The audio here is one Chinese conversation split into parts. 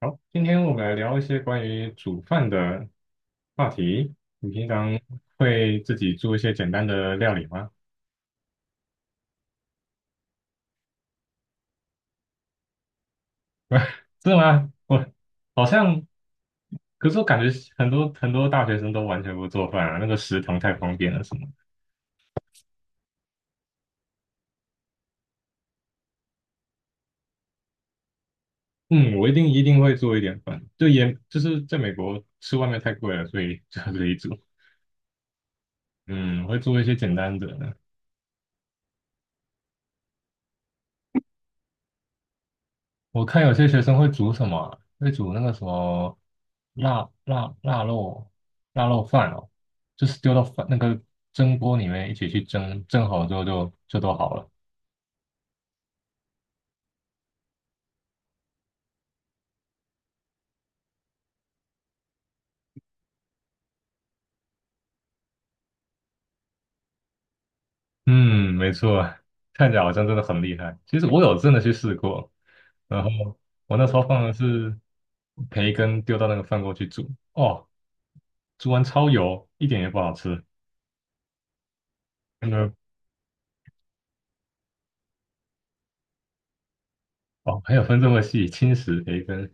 好，今天我们来聊一些关于煮饭的话题。你平常会自己做一些简单的料理吗？真的吗？我好像，可是我感觉很多大学生都完全不做饭啊，那个食堂太方便了什么的。嗯，我一定会做一点饭，就也就是在美国吃外面太贵了，所以 就自己煮。嗯，我会做一些简单的。我看有些学生会煮什么，会煮那个什么腊腊肉饭哦，就是丢到饭那个蒸锅里面一起去蒸，蒸好之后就都好了。嗯，没错，看起来好像真的很厉害。其实我有真的去试过，然后我那时候放的是培根丢到那个饭锅去煮，哦，煮完超油，一点也不好吃。那个哦，还有分这么细，轻食培根。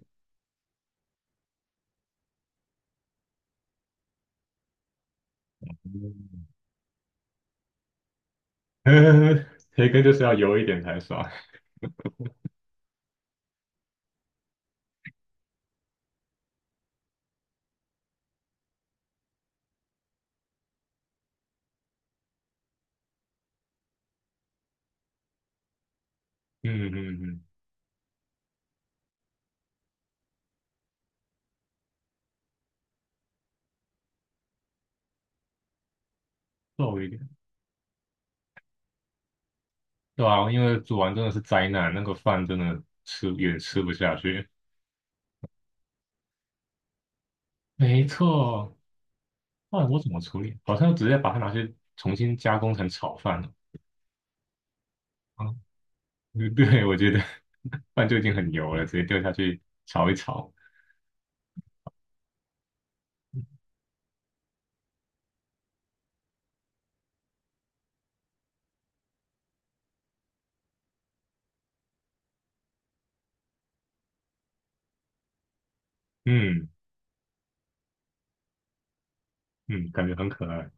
培根就是要油一点才爽。嗯嗯嗯，瘦一点，对啊，因为煮完真的是灾难，那个饭真的吃也吃不下去。没错，后来我怎么处理？好像直接把它拿去重新加工成炒饭了。啊，嗯对，我觉得 饭就已经很油了，直接丢下去炒一炒。嗯嗯，感觉很可爱。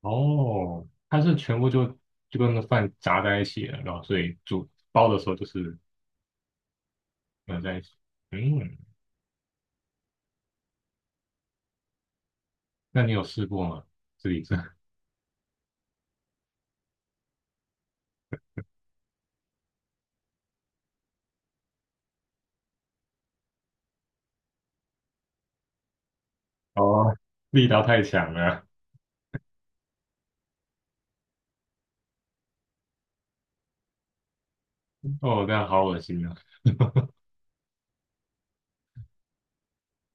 哦，它是全部就跟那个饭炸在一起了，然后所以煮包的时候就是混在一起。嗯，那你有试过吗？自己做？哦，力道太强了。哦，这样好恶心啊！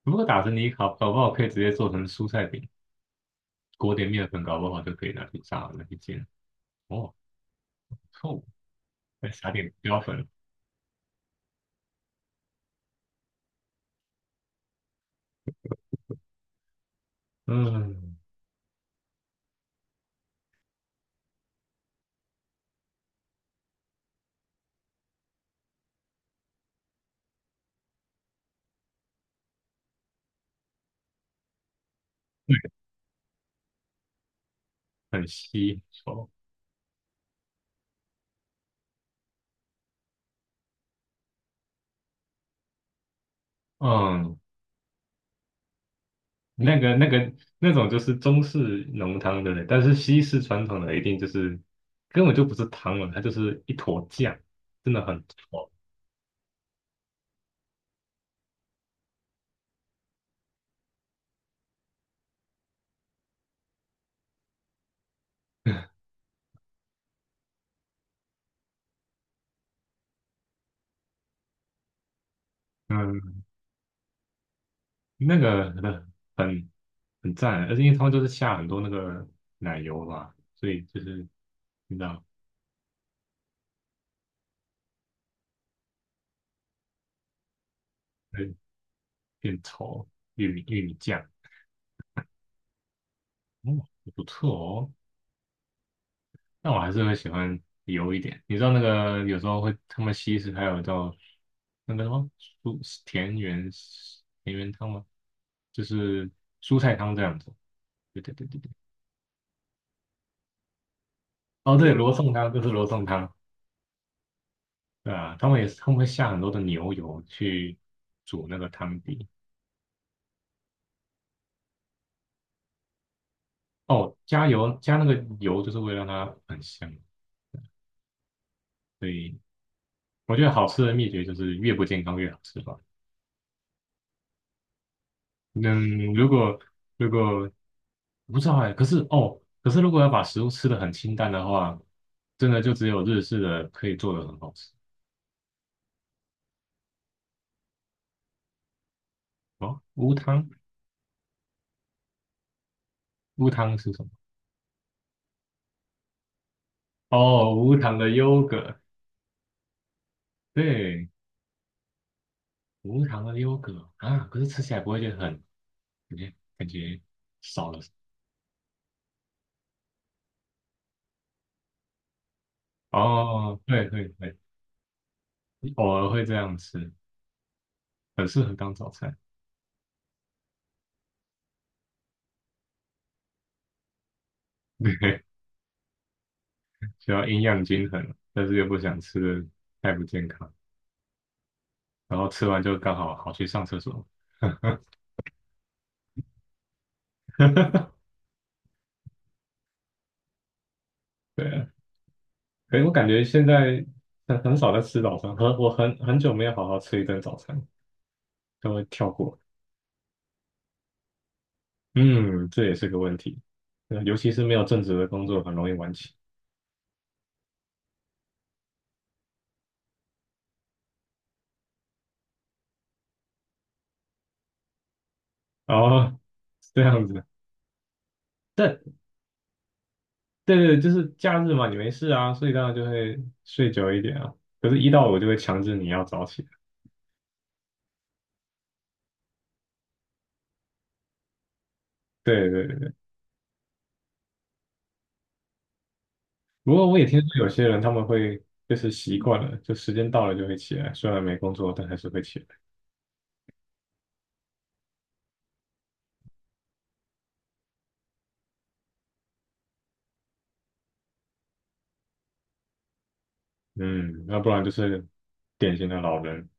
如果打成泥搞不好可以直接做成蔬菜饼，裹点面粉，搞不好就可以拿去炸了，拿去煎。哦，不错，再撒点标粉。嗯，很稀稠。嗯，那个、那个、那种就是中式浓汤，对不对？但是西式传统的一定就是根本就不是汤了，它就是一坨酱，真的很稠。嗯，那个很很赞，而且因为他们就是下很多那个奶油嘛，所以就是你知道。变稠，玉米酱，哦，不错哦。但我还是会喜欢油一点。你知道那个有时候会他们西式还有叫那个什么蔬田园田园汤吗？就是蔬菜汤这样子。对对对对对。哦，对，罗宋汤就是罗宋汤，对啊，他们也是他们会下很多的牛油去煮那个汤底。哦，加油加那个油就是为了让它很香，所以我觉得好吃的秘诀就是越不健康越好吃吧。嗯，如果不知道哎，可是哦，可是如果要把食物吃的很清淡的话，真的就只有日式的可以做的很好吃。哦，无糖，无糖是什么？哦，无糖的优格，对，无糖的优格啊，可是吃起来不会觉得很感觉少了什么哦，对对对，偶尔会这样吃，很适合当早餐。需要营养均衡，但是又不想吃的太不健康。然后吃完就刚好好去上厕所。对啊，可是我感觉现在很少在吃早餐，我很久没有好好吃一顿早餐，都会跳过。嗯，这也是个问题，尤其是没有正职的工作，很容易晚起。哦，是这样子，但对对，就是假日嘛，你没事啊，所以当然就会睡久一点啊。可是，一到我就会强制你要早起。对对对，不过我也听说有些人他们会就是习惯了，就时间到了就会起来，虽然没工作，但还是会起来。嗯，要不然就是典型的老人，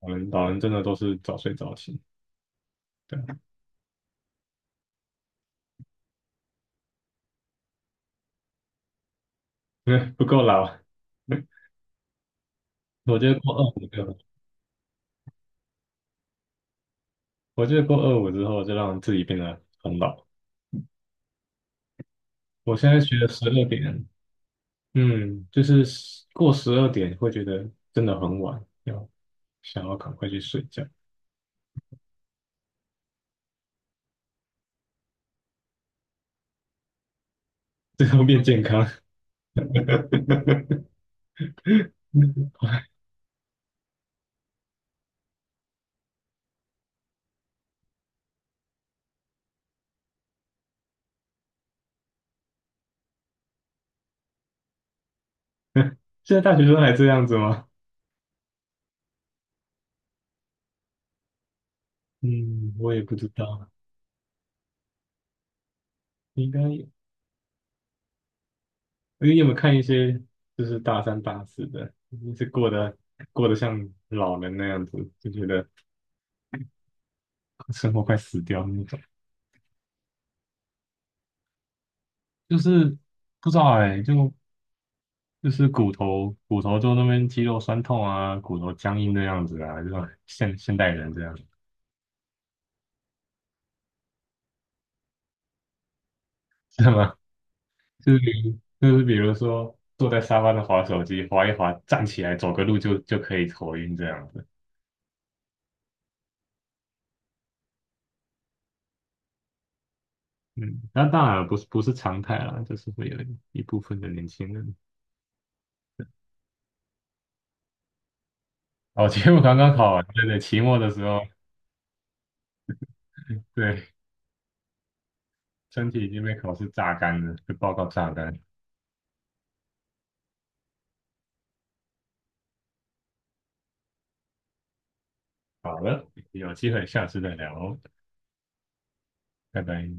老人真的都是早睡早起，对啊。因为不够老。我觉得过二五就，我觉得过二五之后就让自己变得很老。我现在学了十二点，嗯，就是十过十二点会觉得真的很晚，要想要赶快去睡觉，最后变健康。现在大学生还这样子吗？嗯，我也不知道，应该你有没有看一些就是大三大四的，就是过得像老人那样子，就觉得生活快死掉那种，就是不知道哎、就就是骨头就那边肌肉酸痛啊，骨头僵硬的样子啊，这种现代人这样。是吗？就是比就是比如说坐在沙发上划手机，划一划站起来走个路就可以头晕这样子。嗯，那当然不是常态啦，就是会有一部分的年轻人。哦，期末刚刚考完，对对，期末的时候，对，身体已经被考试榨干了，被报告榨干。好了，有机会下次再聊哦，拜拜。